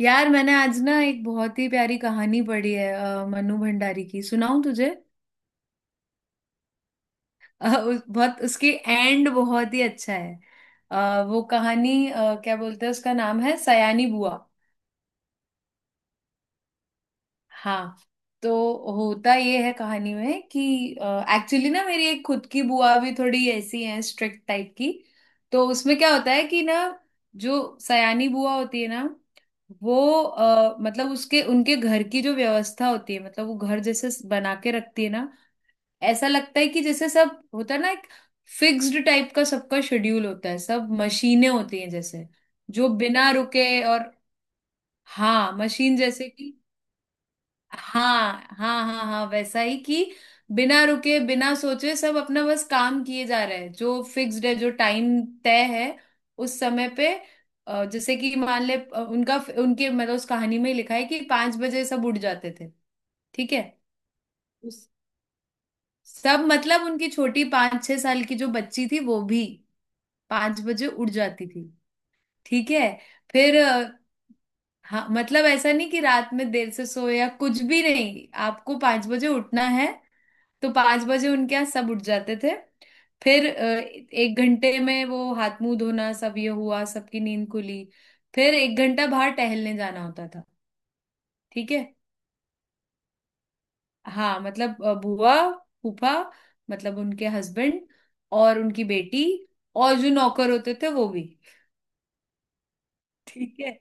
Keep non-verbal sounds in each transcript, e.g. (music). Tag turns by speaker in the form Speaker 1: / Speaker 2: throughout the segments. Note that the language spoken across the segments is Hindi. Speaker 1: यार मैंने आज ना एक बहुत ही प्यारी कहानी पढ़ी है। मनु भंडारी की सुनाऊं तुझे। बहुत उसकी एंड बहुत ही अच्छा है। वो कहानी क्या बोलते हैं उसका नाम है सयानी बुआ। हाँ। तो होता ये है कहानी में कि एक्चुअली ना मेरी एक खुद की बुआ भी थोड़ी ऐसी है स्ट्रिक्ट टाइप की। तो उसमें क्या होता है कि ना जो सयानी बुआ होती है ना वो मतलब उसके उनके घर की जो व्यवस्था होती है मतलब वो घर जैसे बना के रखती है ना। ऐसा लगता है कि जैसे सब होता है ना एक फिक्स्ड टाइप का सबका शेड्यूल होता है सब मशीनें होती हैं जैसे। जो बिना रुके और हाँ मशीन जैसे कि। हाँ हाँ हाँ हाँ वैसा ही कि बिना रुके बिना सोचे सब अपना बस काम किए जा रहे हैं जो फिक्स्ड है जो टाइम तय है उस समय पे। जैसे कि मान ले उनका उनके मतलब उस कहानी में ही लिखा है कि 5 बजे सब उठ जाते थे। ठीक है। उस सब मतलब उनकी छोटी 5-6 साल की जो बच्ची थी वो भी 5 बजे उठ जाती थी। ठीक है। फिर हाँ मतलब ऐसा नहीं कि रात में देर से सोए या कुछ भी नहीं आपको 5 बजे उठना है। तो 5 बजे उनके यहाँ सब उठ जाते थे। फिर एक घंटे में वो हाथ मुंह धोना सब ये हुआ सबकी नींद खुली। फिर एक घंटा बाहर टहलने जाना होता था। ठीक है। हाँ मतलब बुआ फूफा मतलब उनके हस्बैंड और उनकी बेटी और जो नौकर होते थे वो भी। ठीक है।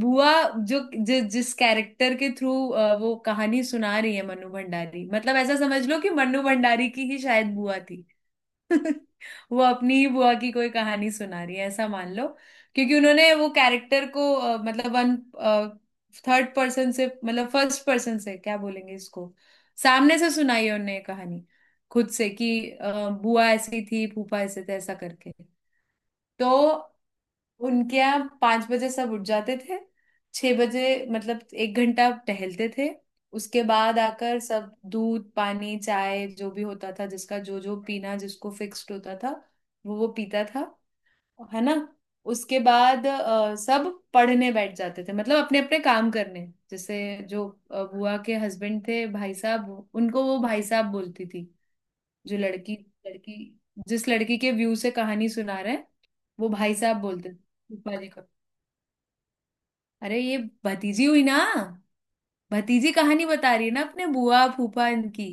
Speaker 1: बुआ जो जिस कैरेक्टर के थ्रू वो कहानी सुना रही है मनु भंडारी मतलब ऐसा समझ लो कि मनु भंडारी की ही शायद बुआ थी। (laughs) वो अपनी बुआ की कोई कहानी सुना रही है ऐसा मान लो। क्योंकि उन्होंने वो कैरेक्टर को मतलब वन थर्ड पर्सन से मतलब फर्स्ट पर्सन से क्या बोलेंगे इसको। सामने से सुनाई है उन्हें कहानी खुद से कि बुआ ऐसी थी फूफा ऐसे थे ऐसा करके। तो उनके यहाँ 5 बजे सब उठ जाते थे। 6 बजे मतलब एक घंटा टहलते थे। उसके बाद आकर सब दूध पानी चाय जो भी होता था जिसका जो जो पीना जिसको फिक्स्ड होता था वो पीता था। है ना। उसके बाद सब पढ़ने बैठ जाते थे मतलब अपने अपने काम करने जैसे। जो बुआ के हस्बैंड थे भाई साहब उनको वो भाई साहब बोलती थी। जो लड़की लड़की जिस लड़की के व्यू से कहानी सुना रहे हैं वो भाई साहब बोलते थे रूपा जी को। अरे ये भतीजी हुई ना। भतीजी कहानी बता रही है ना अपने बुआ फूफा इनकी।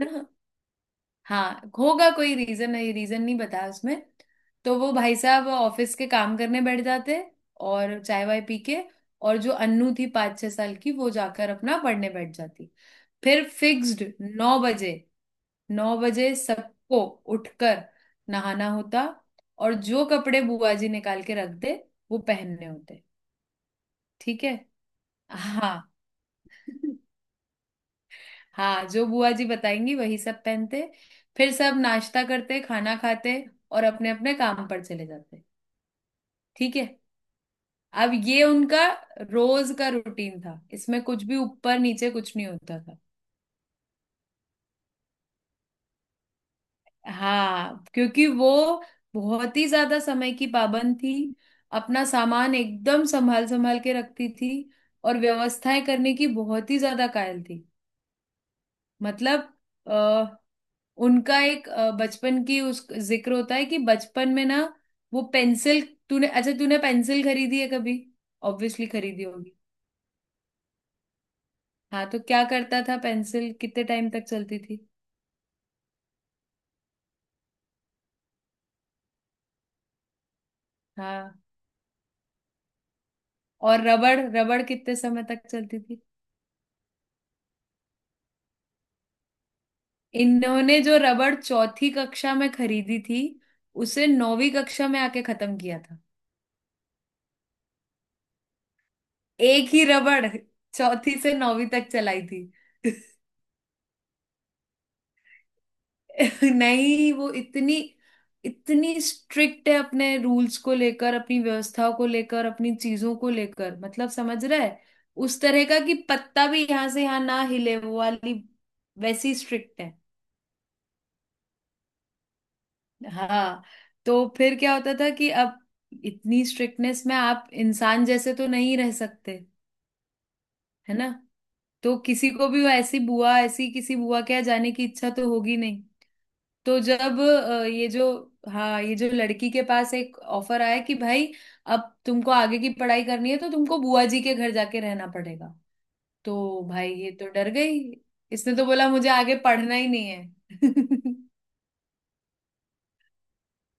Speaker 1: है ना। हाँ होगा कोई रीजन नहीं, रीजन नहीं बता उसमें। तो वो भाई साहब ऑफिस के काम करने बैठ जाते और चाय वाय पी के। और जो अन्नू थी 5-6 साल की वो जाकर अपना पढ़ने बैठ जाती। फिर फिक्स्ड 9 बजे। 9 बजे सबको उठकर नहाना होता। और जो कपड़े बुआ जी निकाल के रख दे वो पहनने होते। ठीक है। हाँ। (laughs) हाँ जो बुआ जी बताएंगी वही सब पहनते। फिर सब नाश्ता करते खाना खाते और अपने अपने काम पर चले जाते। ठीक है। अब ये उनका रोज का रूटीन था इसमें कुछ भी ऊपर नीचे कुछ नहीं होता था। हाँ क्योंकि वो बहुत ही ज्यादा समय की पाबंद थी। अपना सामान एकदम संभाल संभाल के रखती थी। और व्यवस्थाएं करने की बहुत ही ज्यादा कायल थी। मतलब उनका एक बचपन की उस जिक्र होता है कि बचपन में ना वो पेंसिल तूने अच्छा तूने पेंसिल खरीदी है कभी। ऑब्वियसली खरीदी होगी। हाँ तो क्या करता था पेंसिल कितने टाइम तक चलती थी। हाँ और रबड़ रबड़ कितने समय तक चलती थी। इन्होंने जो रबड़ चौथी कक्षा में खरीदी थी उसे नौवीं कक्षा में आके खत्म किया था। एक ही रबड़ चौथी से नौवीं तक चलाई थी। (laughs) (laughs) नहीं वो इतनी इतनी स्ट्रिक्ट है अपने रूल्स को लेकर अपनी व्यवस्था को लेकर अपनी चीजों को लेकर मतलब समझ रहा है। उस तरह का कि पत्ता भी यहाँ से यहाँ ना हिले वो वाली वैसी स्ट्रिक्ट है। हाँ। तो फिर क्या होता था कि अब इतनी स्ट्रिक्टनेस में आप इंसान जैसे तो नहीं रह सकते। है ना। तो किसी को भी वो ऐसी बुआ ऐसी किसी बुआ के यहाँ जाने की इच्छा तो होगी नहीं। तो जब अ, ये जो हाँ, ये जो लड़की के पास एक ऑफर आया कि भाई अब तुमको आगे की पढ़ाई करनी है तो तुमको बुआ जी के घर जाके रहना पड़ेगा। तो भाई ये तो डर गई। इसने तो बोला मुझे आगे पढ़ना ही नहीं है। (laughs)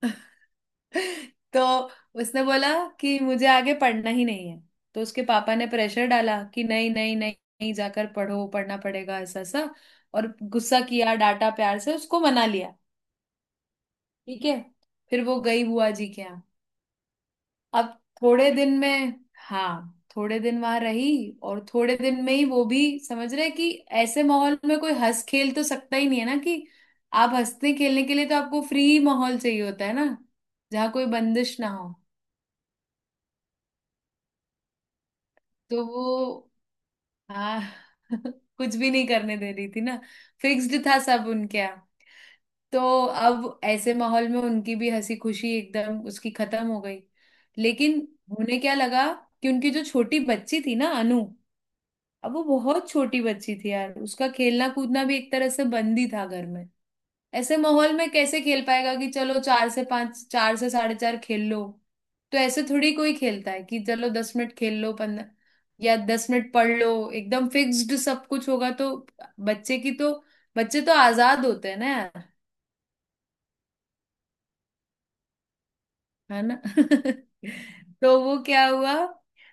Speaker 1: (laughs) तो उसने बोला कि मुझे आगे पढ़ना ही नहीं है। तो उसके पापा ने प्रेशर डाला कि नहीं नहीं नहीं नहीं जाकर पढ़ो पढ़ना पड़ेगा ऐसा सा। और गुस्सा किया डांटा प्यार से उसको मना लिया। ठीक है। फिर वो गई बुआ जी के यहाँ। अब थोड़े दिन में हाँ थोड़े दिन वहां रही। और थोड़े दिन में ही वो भी समझ रहे कि ऐसे माहौल में कोई हंस खेल तो सकता ही नहीं है ना कि आप हंसने खेलने के लिए तो आपको फ्री माहौल चाहिए होता है ना। जहाँ कोई बंदिश ना हो। तो वो आ, (laughs) कुछ भी नहीं करने दे रही थी ना। फिक्स्ड था सब उनके यहाँ। तो अब ऐसे माहौल में उनकी भी हंसी खुशी एकदम उसकी खत्म हो गई। लेकिन उन्हें क्या लगा कि उनकी जो छोटी बच्ची थी ना अनु अब वो बहुत छोटी बच्ची थी यार उसका खेलना कूदना भी एक तरह से बंद ही था घर में। ऐसे माहौल में कैसे खेल पाएगा कि चलो चार से पांच चार से साढ़े चार खेल लो। तो ऐसे थोड़ी कोई खेलता है कि चलो 10 मिनट खेल लो 15। या 10 मिनट पढ़ लो एकदम फिक्स्ड सब कुछ होगा तो बच्चे की तो बच्चे तो आजाद होते हैं ना यार। है ना। (laughs) तो वो क्या हुआ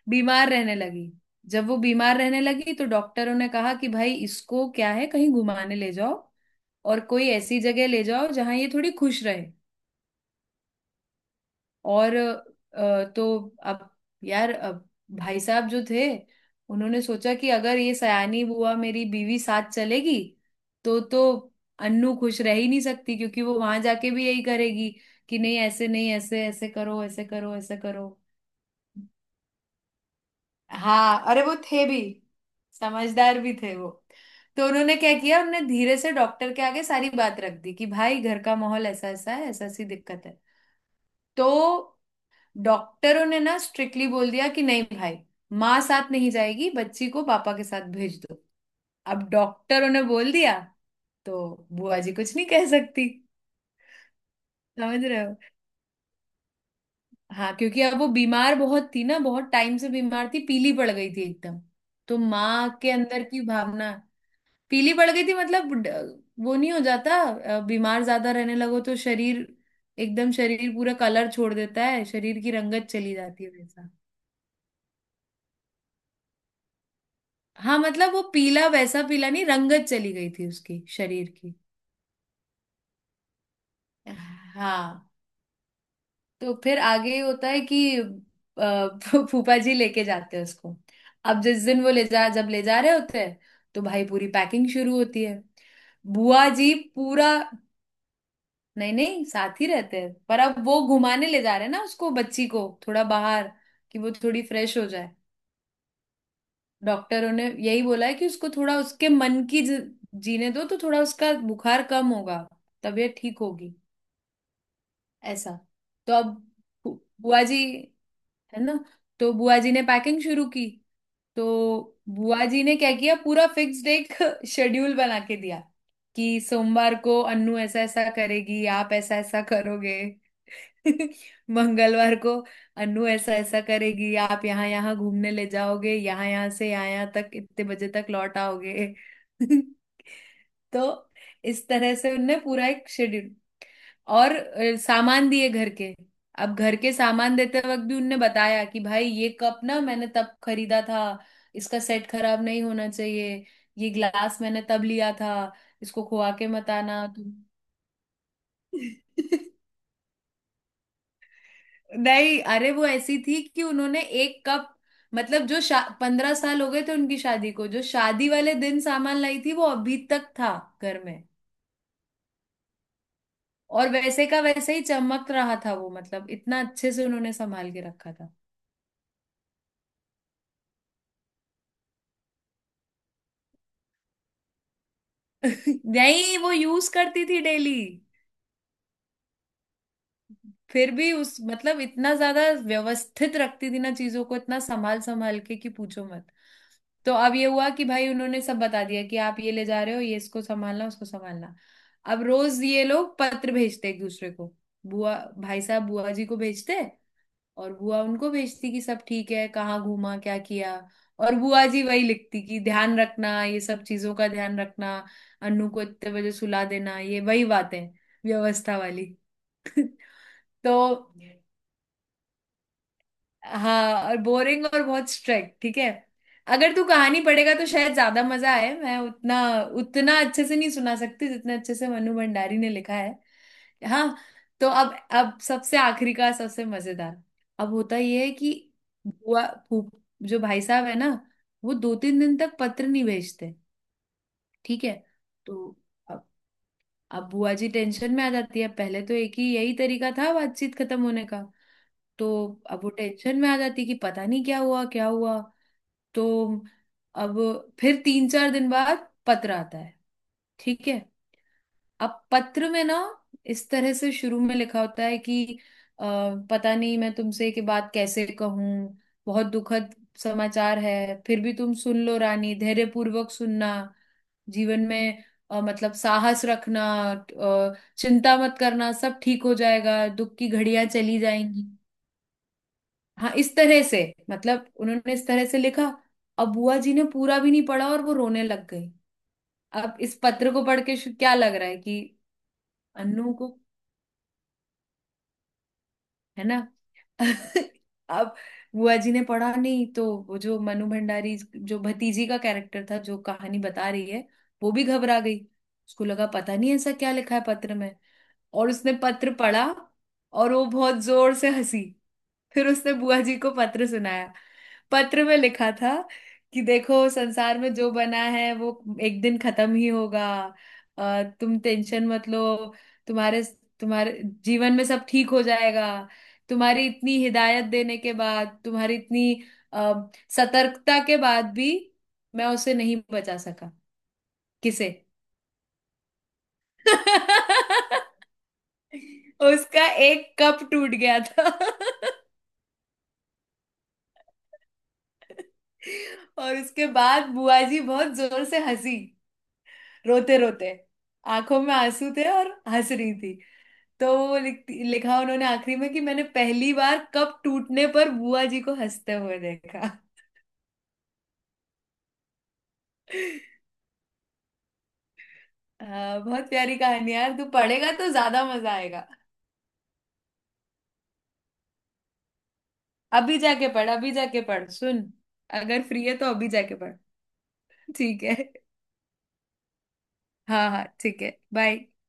Speaker 1: बीमार रहने लगी। जब वो बीमार रहने लगी तो डॉक्टरों ने कहा कि भाई इसको क्या है कहीं घुमाने ले जाओ। और कोई ऐसी जगह ले जाओ जहां ये थोड़ी खुश रहे। और तो अब यार अब भाई साहब जो थे उन्होंने सोचा कि अगर ये सयानी बुआ मेरी बीवी साथ चलेगी तो अन्नू खुश रह ही नहीं सकती क्योंकि वो वहां जाके भी यही करेगी कि नहीं ऐसे नहीं ऐसे ऐसे करो ऐसे करो ऐसे करो। हाँ अरे वो थे भी समझदार भी थे वो। तो उन्होंने क्या किया उन्होंने धीरे से डॉक्टर के आगे सारी बात रख दी कि भाई घर का माहौल ऐसा ऐसा है ऐसा ऐसी दिक्कत है। तो डॉक्टरों ने ना स्ट्रिक्टली बोल दिया कि नहीं भाई माँ साथ नहीं जाएगी बच्ची को पापा के साथ भेज दो। अब डॉक्टरों ने बोल दिया तो बुआ जी कुछ नहीं कह सकती। समझ रहे हो। हाँ क्योंकि अब वो बीमार बहुत थी ना बहुत टाइम से बीमार थी पीली पड़ गई थी एकदम। तो माँ के अंदर की भावना पीली पड़ गई थी मतलब वो नहीं हो जाता बीमार ज्यादा रहने लगो तो शरीर एकदम शरीर पूरा कलर छोड़ देता है शरीर की रंगत चली जाती है। हाँ मतलब वो पीला वैसा पीला नहीं रंगत चली गई थी उसकी शरीर की। हाँ तो फिर आगे होता है कि फूफा जी लेके जाते हैं उसको। अब जिस दिन वो ले जा जब ले जा रहे होते हैं तो भाई पूरी पैकिंग शुरू होती है। बुआ जी पूरा नहीं नहीं साथ ही रहते हैं पर अब वो घुमाने ले जा रहे हैं ना उसको बच्ची को थोड़ा बाहर कि वो थोड़ी फ्रेश हो जाए। डॉक्टरों ने यही बोला है कि उसको थोड़ा उसके मन की जीने दो तो थोड़ा उसका बुखार कम होगा तबीयत ठीक होगी ऐसा। तो अब बुआ जी है ना तो बुआ जी ने पैकिंग शुरू की। तो बुआ जी ने क्या किया पूरा फिक्स्ड एक (laughs) शेड्यूल बना के दिया कि सोमवार को अन्नू ऐसा ऐसा करेगी आप ऐसा ऐसा करोगे। (laughs) मंगलवार को अन्नू ऐसा ऐसा करेगी आप यहाँ यहाँ घूमने ले जाओगे यहाँ यहाँ से यहाँ यहाँ तक इतने बजे तक लौट आओगे। (laughs) तो इस तरह से उनने पूरा एक शेड्यूल और सामान दिए घर के। अब घर के सामान देते वक्त भी उनने बताया कि भाई ये कप ना मैंने तब खरीदा था इसका सेट खराब नहीं होना चाहिए। ये ग्लास मैंने तब लिया था इसको खोआ के मत आना तुम। (laughs) नहीं अरे वो ऐसी थी कि उन्होंने एक कप मतलब जो 15 साल हो गए थे उनकी शादी को जो शादी वाले दिन सामान लाई थी वो अभी तक था घर में। और वैसे का वैसे ही चमक रहा था वो मतलब इतना अच्छे से उन्होंने संभाल के रखा था। (laughs) नहीं वो यूज करती थी डेली। फिर भी उस मतलब इतना ज्यादा व्यवस्थित रखती थी ना चीजों को इतना संभाल संभाल के कि पूछो मत। तो अब ये हुआ कि भाई उन्होंने सब बता दिया कि आप ये ले जा रहे हो ये इसको संभालना उसको संभालना। अब रोज ये लोग पत्र भेजते एक दूसरे को। बुआ भाई साहब बुआ जी को भेजते और बुआ उनको भेजती कि सब ठीक है कहाँ घूमा क्या किया। और बुआ जी वही लिखती कि ध्यान रखना ये सब चीजों का ध्यान रखना अन्नू को इतने बजे सुला देना ये वही बातें व्यवस्था वाली। (laughs) तो हाँ और बोरिंग और बहुत स्ट्रिक्ट ठीक है। अगर तू कहानी पढ़ेगा तो शायद ज्यादा मजा आए मैं उतना उतना अच्छे से नहीं सुना सकती जितना अच्छे से मनु भंडारी ने लिखा है। हाँ। तो अब सबसे आखिरी का सबसे मजेदार अब होता ये है कि बुआ फूफ जो भाई साहब है ना वो 2-3 दिन तक पत्र नहीं भेजते। ठीक है। तो अब अब बुआ जी टेंशन में आ जाती है पहले तो एक ही यही तरीका था बातचीत खत्म होने का। तो अब वो टेंशन में आ जाती कि पता नहीं क्या हुआ क्या हुआ। तो अब फिर 3-4 दिन बाद पत्र आता है। ठीक है। अब पत्र में ना इस तरह से शुरू में लिखा होता है कि अ, पता नहीं मैं तुमसे ये बात कैसे कहूं। बहुत दुखद समाचार है फिर भी तुम सुन लो रानी धैर्यपूर्वक सुनना जीवन में मतलब साहस रखना चिंता मत करना सब ठीक हो जाएगा दुख की घड़ियां चली जाएंगी। हाँ इस तरह से मतलब उन्होंने इस तरह से लिखा। अब बुआ जी ने पूरा भी नहीं पढ़ा और वो रोने लग गई। अब इस पत्र को पढ़ के क्या लग रहा है कि अन्नू को है ना। (laughs) अब बुआ जी ने पढ़ा नहीं तो वो जो मनु भंडारी जो भतीजी का कैरेक्टर था जो कहानी बता रही है वो भी घबरा गई। उसको लगा पता नहीं ऐसा क्या लिखा है पत्र में। और उसने पत्र पढ़ा और वो बहुत जोर से हंसी। फिर उसने बुआ जी को पत्र सुनाया। पत्र में लिखा था कि देखो संसार में जो बना है वो एक दिन खत्म ही होगा तुम टेंशन मत लो। तुम्हारे तुम्हारे जीवन में सब ठीक हो जाएगा। तुम्हारी इतनी हिदायत देने के बाद तुम्हारी इतनी अ, सतर्कता के बाद भी मैं उसे नहीं बचा सका। किसे। (laughs) उसका एक कप टूट गया था। (laughs) और उसके बाद बुआ जी बहुत जोर से हंसी रोते रोते आंखों में आंसू थे और हंस रही थी। तो वो लिखती लिखा उन्होंने आखिरी में कि मैंने पहली बार कप टूटने पर बुआ जी को हंसते हुए देखा। बहुत प्यारी कहानी यार तू पढ़ेगा तो ज्यादा मजा आएगा। अभी जाके पढ़ सुन। अगर फ्री है तो अभी जाके पढ़। ठीक है। हाँ हाँ ठीक है। बाय।